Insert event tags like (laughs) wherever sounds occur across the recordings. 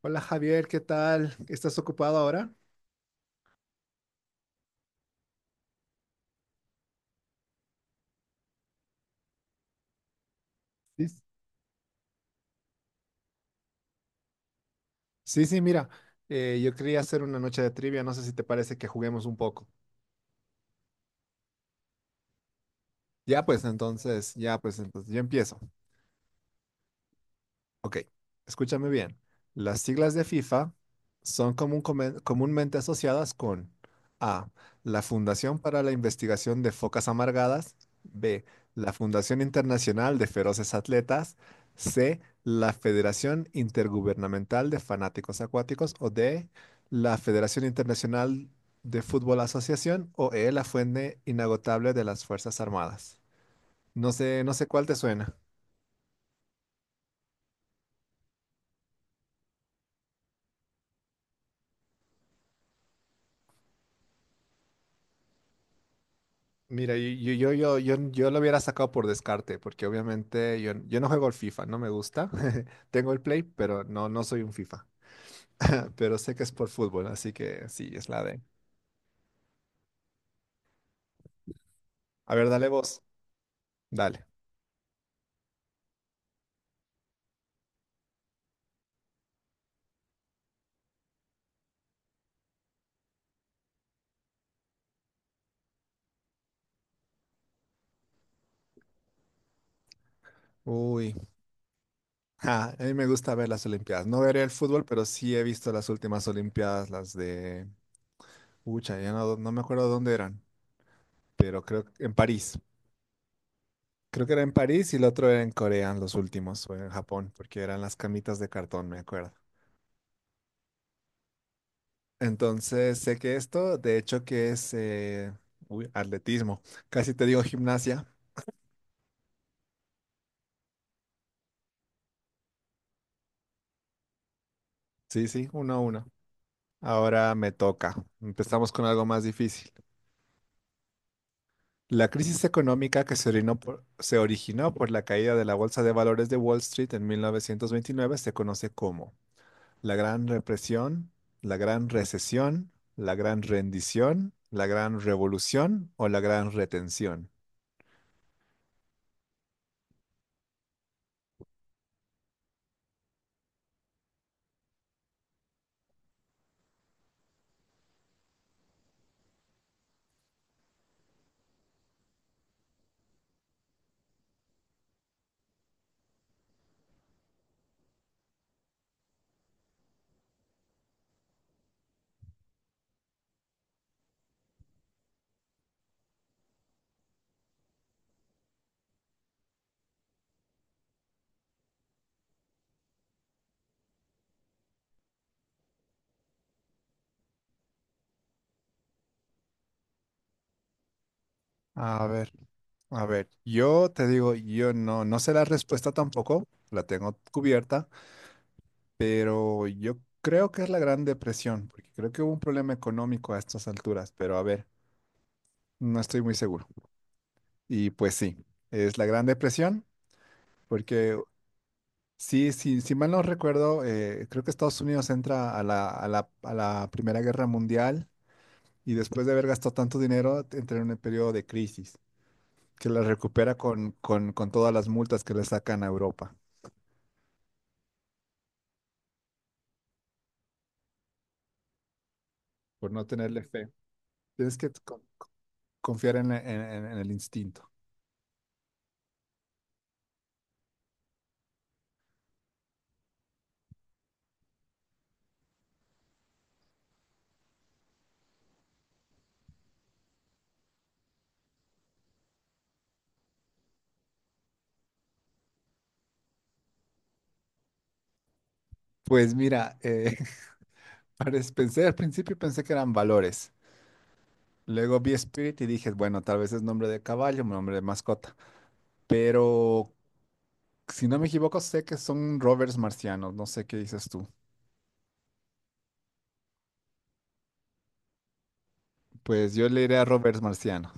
Hola Javier, ¿qué tal? ¿Estás ocupado ahora? Sí, sí, sí, mira, yo quería hacer una noche de trivia, no sé si te parece que juguemos un poco. Ya pues entonces, yo empiezo. Ok, escúchame bien. Las siglas de FIFA son comúnmente asociadas con A, la Fundación para la Investigación de Focas Amargadas; B, la Fundación Internacional de Feroces Atletas; C, la Federación Intergubernamental de Fanáticos Acuáticos; o D, la Federación Internacional de Fútbol Asociación; o E, la Fuente Inagotable de las Fuerzas Armadas. No sé, no sé cuál te suena. Mira, yo, yo lo hubiera sacado por descarte, porque obviamente yo, yo no juego al FIFA, no me gusta. (laughs) Tengo el Play, pero no, no soy un FIFA. Ah, pero sé que es por fútbol, así que sí, es la de. A ver, dale vos. Dale. Uy, ah, a mí me gusta ver las Olimpiadas. No veré el fútbol, pero sí he visto las últimas Olimpiadas, las de Ucha, ya no, no me acuerdo dónde eran, pero creo que en París. Creo que era en París y el otro era en Corea, los últimos, o en Japón, porque eran las camitas de cartón, me acuerdo. Entonces sé que esto, de hecho, que es uy, atletismo. Casi te digo gimnasia. Sí, sí, uno a uno. Ahora me toca. Empezamos con algo más difícil. La crisis económica que se originó por la caída de la Bolsa de Valores de Wall Street en 1929 se conoce como la Gran Represión, la Gran Recesión, la Gran Rendición, la Gran Revolución o la Gran Retención. A ver. A ver, yo te digo, yo no, no sé la respuesta tampoco, la tengo cubierta, pero yo creo que es la Gran Depresión, porque creo que hubo un problema económico a estas alturas, pero a ver, no estoy muy seguro. Y pues sí, es la Gran Depresión, porque sí, sí, si mal no recuerdo, creo que Estados Unidos entra a la Primera Guerra Mundial y después de haber gastado tanto dinero, entra en un periodo de crisis, que la recupera con, con todas las multas que le sacan a Europa. Por no tenerle fe. Tienes que confiar en, en el instinto. Pues mira, (laughs) pensé, al principio pensé que eran valores. Luego vi Spirit y dije, bueno, tal vez es nombre de caballo, nombre de mascota. Pero si no me equivoco, sé que son rovers marcianos. No sé qué dices tú. Pues yo le iré a rovers marcianos.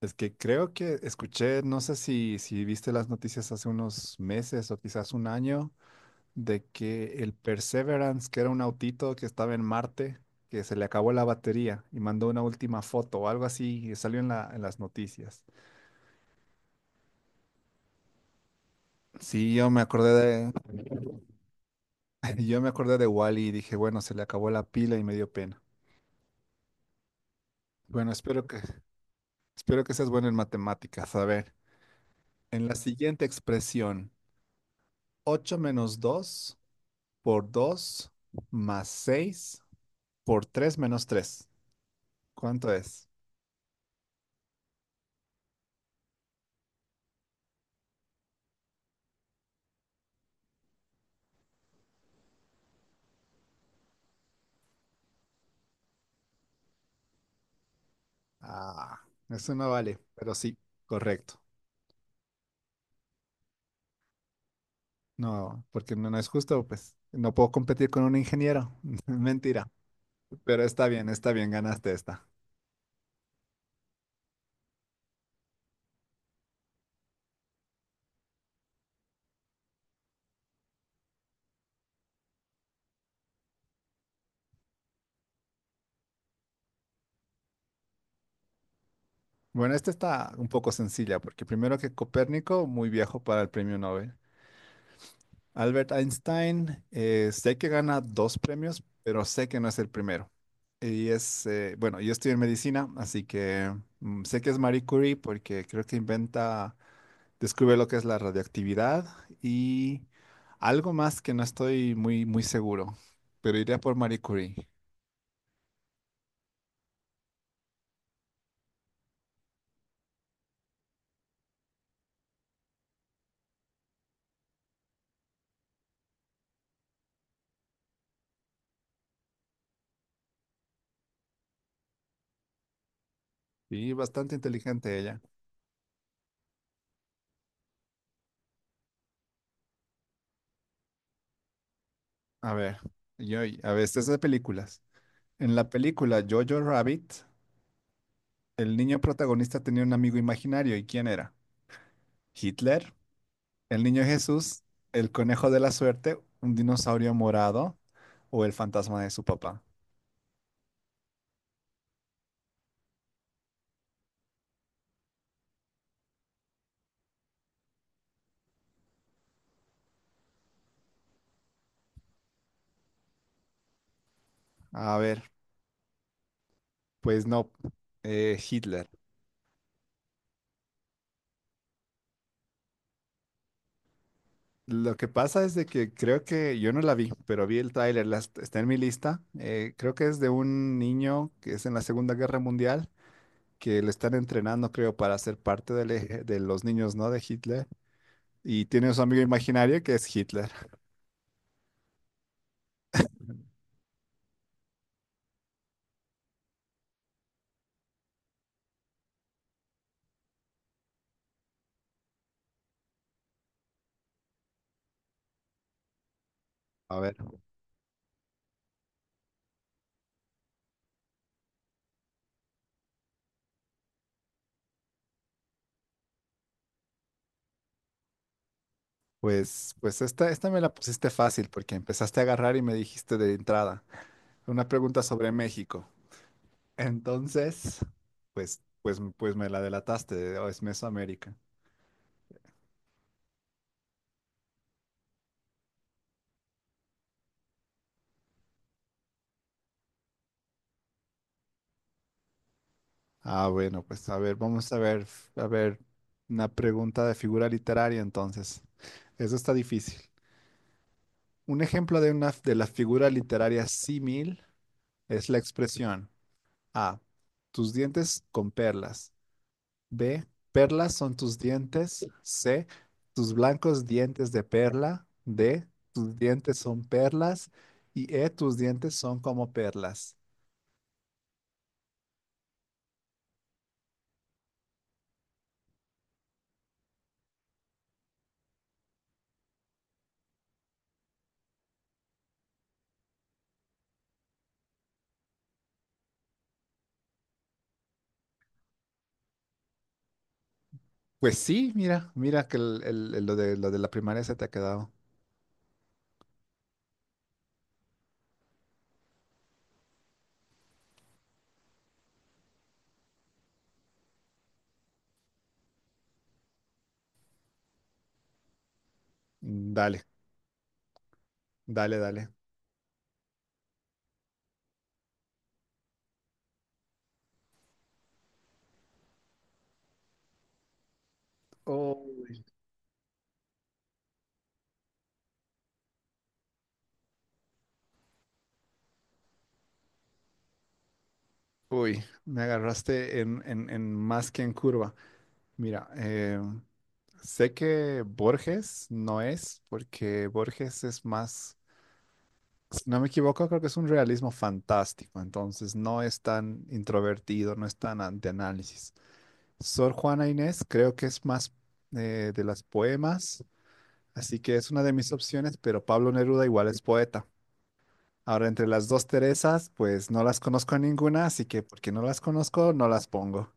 Es que creo que escuché, no sé si, si viste las noticias hace unos meses o quizás un año, de que el Perseverance, que era un autito que estaba en Marte, que se le acabó la batería y mandó una última foto o algo así y salió en la, en las noticias. Sí, yo me acordé de, (laughs) yo me acordé de Wally y dije, bueno, se le acabó la pila y me dio pena. Bueno, espero que, Espero que seas bueno en matemáticas. A ver, en la siguiente expresión, 8 menos 2 por 2 más 6 por 3 menos tres, ¿cuánto es? Ah, eso no vale, pero sí, correcto. No, porque no, no es justo, pues no puedo competir con un ingeniero. (laughs) Mentira, pero está bien, ganaste esta. Bueno, esta está un poco sencilla, porque primero que Copérnico, muy viejo para el premio Nobel. Albert Einstein, sé que gana dos premios, pero sé que no es el primero. Y es, bueno, yo estoy en medicina, así que mm, sé que es Marie Curie porque creo que inventa, descubre lo que es la radioactividad y algo más que no estoy muy, muy seguro, pero iría por Marie Curie. Y bastante inteligente ella. A ver, yo, a ver, esta es de películas. En la película Jojo Rabbit, el niño protagonista tenía un amigo imaginario. ¿Y quién era? ¿Hitler? ¿El niño Jesús? ¿El conejo de la suerte? ¿Un dinosaurio morado? ¿O el fantasma de su papá? A ver, pues no, Hitler. Lo que pasa es de que creo que yo no la vi, pero vi el tráiler, está en mi lista. Creo que es de un niño que es en la Segunda Guerra Mundial, que le están entrenando, creo, para ser parte de los niños, ¿no? De Hitler. Y tiene a su amigo imaginario que es Hitler. A ver, pues, pues esta me la pusiste fácil porque empezaste a agarrar y me dijiste de entrada una pregunta sobre México. Entonces, pues, pues, pues me la delataste, o es Mesoamérica. Ah, bueno, pues a ver, vamos a ver, una pregunta de figura literaria entonces. Eso está difícil. Un ejemplo de una de la figura literaria símil es la expresión A, tus dientes con perlas; B, perlas son tus dientes; C, tus blancos dientes de perla; D, tus dientes son perlas; y E, tus dientes son como perlas. Pues sí, mira, mira que lo de la primaria se te ha quedado. Dale. Dale, dale. Uy, uy, me agarraste en, en más que en curva. Mira, sé que Borges no es, porque Borges es más, si no me equivoco, creo que es un realismo fantástico, entonces no es tan introvertido, no es tan de análisis. Sor Juana Inés creo que es más de las poemas, así que es una de mis opciones, pero Pablo Neruda igual es poeta. Ahora, entre las dos Teresas, pues no las conozco a ninguna, así que porque no las conozco, no las pongo.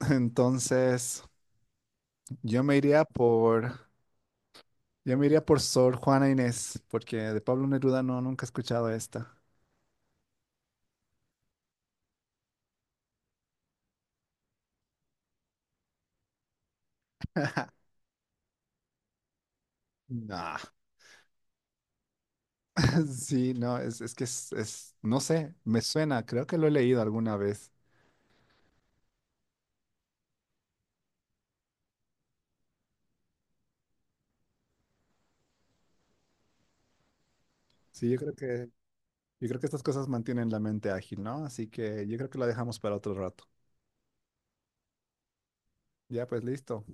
(laughs) Entonces, yo me iría por, yo me iría por Sor Juana Inés, porque de Pablo Neruda no, nunca he escuchado esta. Nah. (laughs) Sí, no, es que es, no sé, me suena, creo que lo he leído alguna vez. Sí, yo creo que, yo creo que estas cosas mantienen la mente ágil, ¿no? Así que yo creo que la dejamos para otro rato. Ya, pues listo.